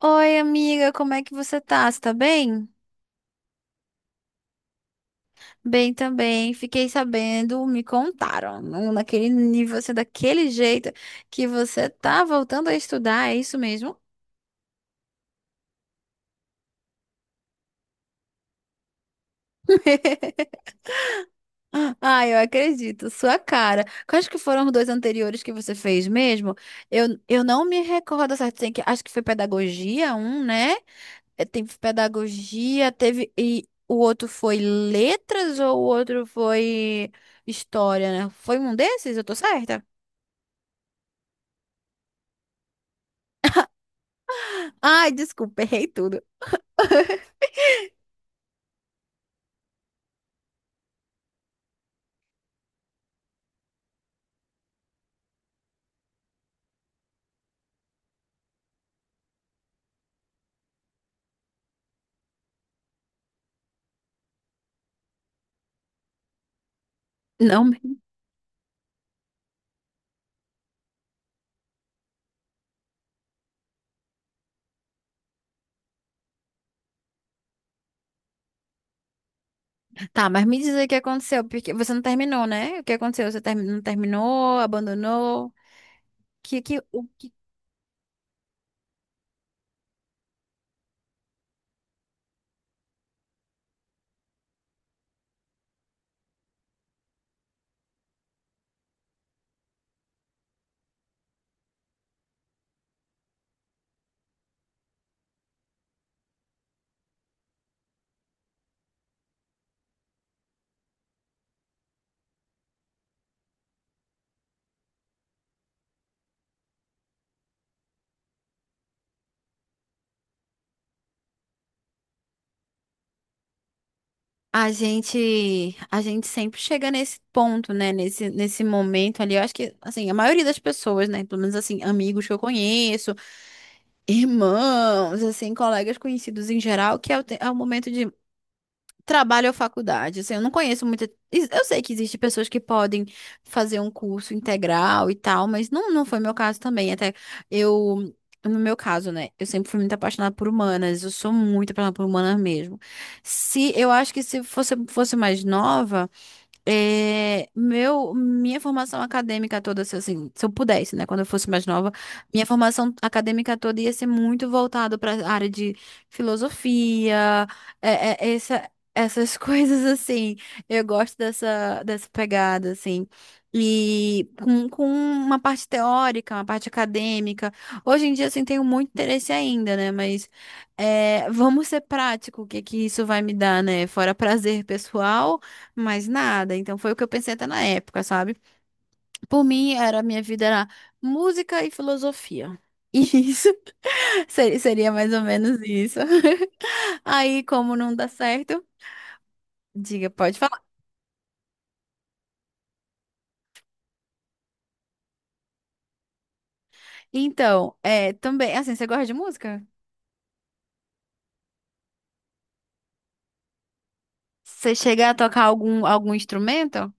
Oi, amiga, como é que você tá? Você tá bem? Bem também. Fiquei sabendo, me contaram, não naquele nível, assim, daquele jeito que você tá voltando a estudar, é isso mesmo? Ah, eu acredito, sua cara. Quais que foram os dois anteriores que você fez mesmo? Eu não me recordo certo, tem que, acho que foi pedagogia, um, né? É, teve pedagogia, teve e o outro foi letras ou o outro foi história, né? Foi um desses, eu tô certa? Ai, desculpa, errei tudo. Não, me- Tá, mas me diz aí o que aconteceu, porque você não terminou, né? O que aconteceu? Você não terminou, abandonou? Que o que A gente sempre chega nesse ponto, né? Nesse momento ali, eu acho que assim, a maioria das pessoas, né, pelo menos assim, amigos que eu conheço, irmãos, assim, colegas conhecidos em geral, que é é o momento de trabalho ou faculdade. Assim, eu não conheço muita. Eu sei que existem pessoas que podem fazer um curso integral e tal, mas não foi meu caso também. Até eu, no meu caso, né? Eu sempre fui muito apaixonada por humanas. Eu sou muito apaixonada por humanas mesmo. Se eu acho que se fosse, fosse mais nova. Minha formação acadêmica toda, se, assim, se eu pudesse, né, quando eu fosse mais nova, minha formação acadêmica toda ia ser muito voltada para a área de filosofia, essas coisas assim. Eu gosto dessa pegada, assim. E com uma parte teórica, uma parte acadêmica. Hoje em dia, assim, tenho muito interesse ainda, né? Mas é, vamos ser prático, o que que isso vai me dar, né? Fora prazer pessoal. Mais nada. Então foi o que eu pensei até na época, sabe? Por mim, era minha vida era música e filosofia. Isso. Seria mais ou menos isso. Aí, como não dá certo, diga, pode falar. Então, é, também, assim, você gosta de música? Você chega a tocar algum instrumento?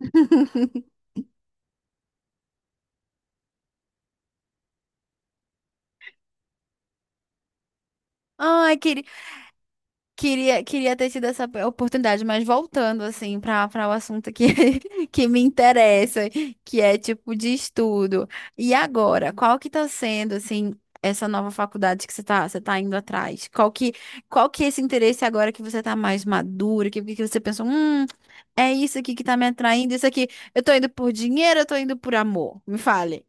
Ai, queria. Queria ter tido essa oportunidade, mas voltando assim para o assunto que, que me interessa, que é tipo de estudo. E agora, qual que está sendo assim essa nova faculdade que você tá indo atrás? Qual que é esse interesse agora que você está mais madura, que você pensou, é isso aqui que está me atraindo, isso aqui, eu tô indo por dinheiro, eu tô indo por amor? Me fale.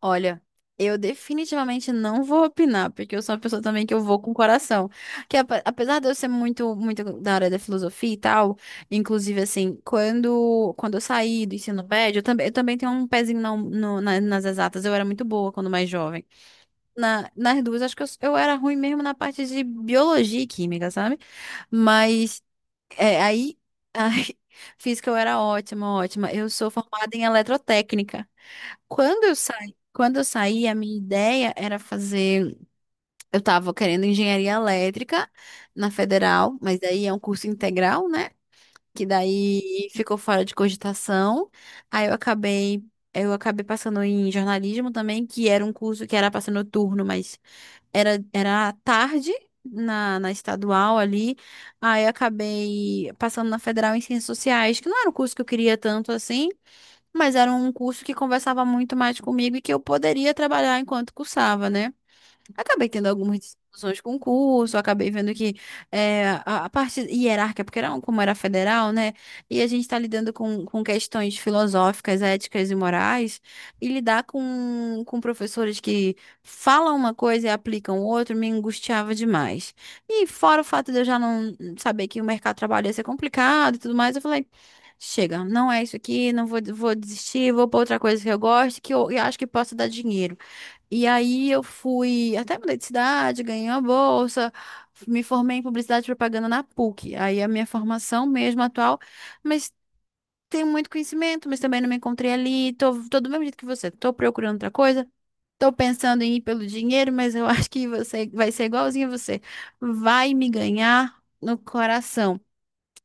Olha, eu definitivamente não vou opinar, porque eu sou uma pessoa também que eu vou com o coração. Apesar de eu ser muito da área da filosofia e tal, inclusive assim, quando eu saí do ensino médio, eu também tenho um pezinho nas exatas. Eu era muito boa quando mais jovem. Nas duas, acho que eu era ruim mesmo na parte de biologia e química, sabe? Mas é, aí, ai, física eu era ótima, ótima. Eu sou formada em eletrotécnica. Quando eu saí, a minha ideia era fazer, eu estava querendo engenharia elétrica na federal, mas daí é um curso integral, né? Que daí ficou fora de cogitação. Aí eu acabei, eu acabei passando em jornalismo também, que era um curso que era para ser noturno, mas era à tarde na estadual ali. Aí acabei passando na Federal em Ciências Sociais, que não era um curso que eu queria tanto assim, mas era um curso que conversava muito mais comigo e que eu poderia trabalhar enquanto cursava, né? Acabei tendo algumas discussões com o curso, acabei vendo que a parte hierárquica, porque como era federal, né? E a gente está lidando com questões filosóficas, éticas e morais, e lidar com professores que falam uma coisa e aplicam outra me angustiava demais. E fora o fato de eu já não saber que o mercado de trabalho ia ser complicado e tudo mais, eu falei. Chega, não é isso aqui, não vou, vou desistir, vou para outra coisa que eu gosto, eu acho que possa dar dinheiro. E aí eu fui, até mudei de cidade, ganhei uma bolsa, me formei em publicidade e propaganda na PUC. Aí a minha formação mesmo atual, mas tenho muito conhecimento, mas também não me encontrei ali. Tô do mesmo jeito que você, tô procurando outra coisa. Tô pensando em ir pelo dinheiro, mas eu acho que você vai ser igualzinho a você. Vai me ganhar no coração.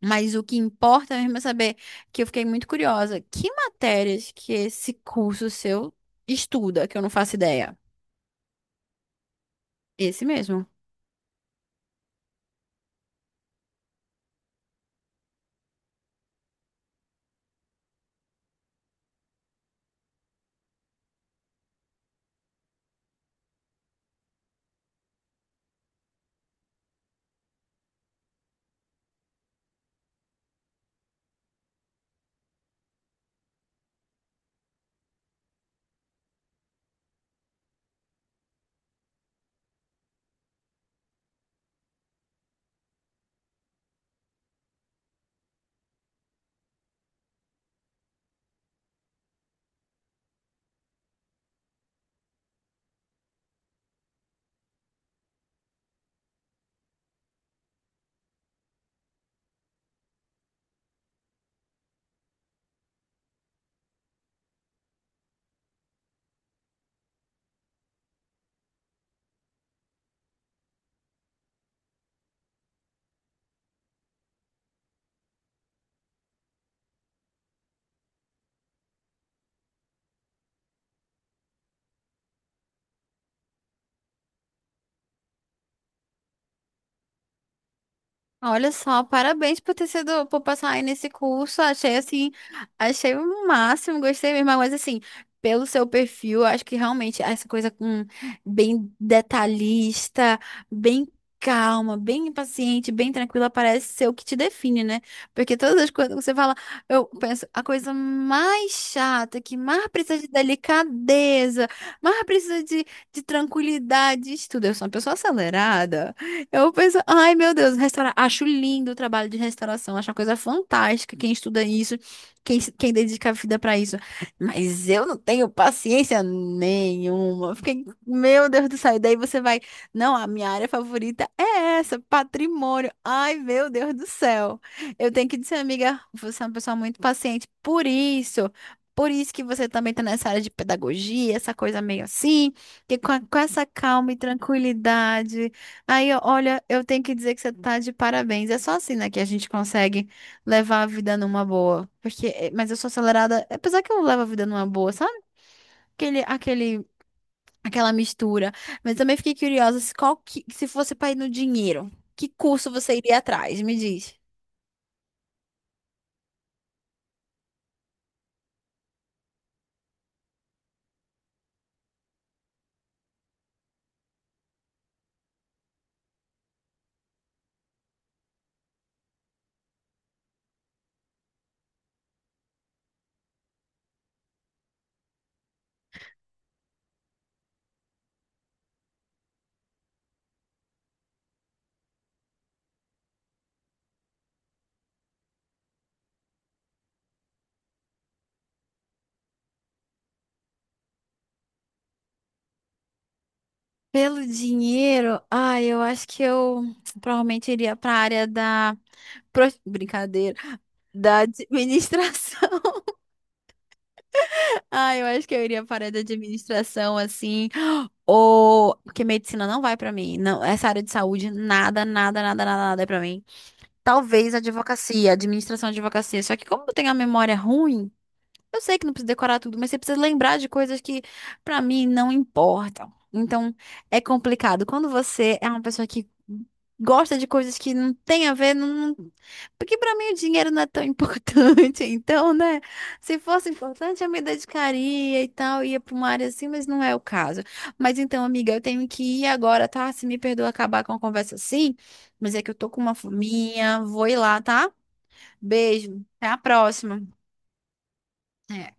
Mas o que importa mesmo é saber que eu fiquei muito curiosa. Que matérias que esse curso seu estuda, que eu não faço ideia? Esse mesmo. Olha só, parabéns por passar aí nesse curso. Achei assim, achei o máximo, gostei mesmo. Mas assim, pelo seu perfil, acho que realmente essa coisa com bem detalhista, bem calma, bem paciente, bem tranquila, parece ser o que te define, né? Porque todas as coisas que você fala, eu penso, a coisa mais chata, que mais precisa de delicadeza, mais precisa de tranquilidade, isso tudo. Eu sou uma pessoa acelerada. Eu penso, ai meu Deus, restaurar. Acho lindo o trabalho de restauração, acho uma coisa fantástica. Quem estuda isso, quem, se- quem dedica a vida pra isso. Mas eu não tenho paciência nenhuma. Eu fiquei, meu Deus do céu. E daí você vai, não, a minha área favorita é essa, patrimônio. Ai meu Deus do céu. Eu tenho que dizer, amiga, você é uma pessoa muito paciente. Por isso que você também está nessa área de pedagogia, essa coisa meio assim, que com essa calma e tranquilidade. Aí, ó, olha, eu tenho que dizer que você tá de parabéns. É só assim, né, que a gente consegue levar a vida numa boa. Porque, mas eu sou acelerada, apesar que eu levo a vida numa boa, sabe? Aquele, aquele, Aquela mistura. Mas também fiquei curiosa, se se fosse pra ir no dinheiro, que curso você iria atrás? Me diz. Pelo dinheiro, ai, eu acho que eu provavelmente iria pra área brincadeira, da administração. Ah, eu acho que eu iria para a área de administração, assim, ou... Porque medicina não vai para mim, não, essa área de saúde, nada é para mim. Talvez advocacia, administração de advocacia, só que como eu tenho a memória ruim, eu sei que não precisa decorar tudo, mas você precisa lembrar de coisas que, pra mim, não importam. Então, é complicado. Quando você é uma pessoa que gosta de coisas que não tem a ver, não... porque pra mim o dinheiro não é tão importante. Então, né? Se fosse importante, eu me dedicaria e tal, ia pra uma área assim, mas não é o caso. Mas então, amiga, eu tenho que ir agora, tá? Se me perdoa acabar com a conversa assim, mas é que eu tô com uma fominha, vou ir lá, tá? Beijo, até a próxima. É.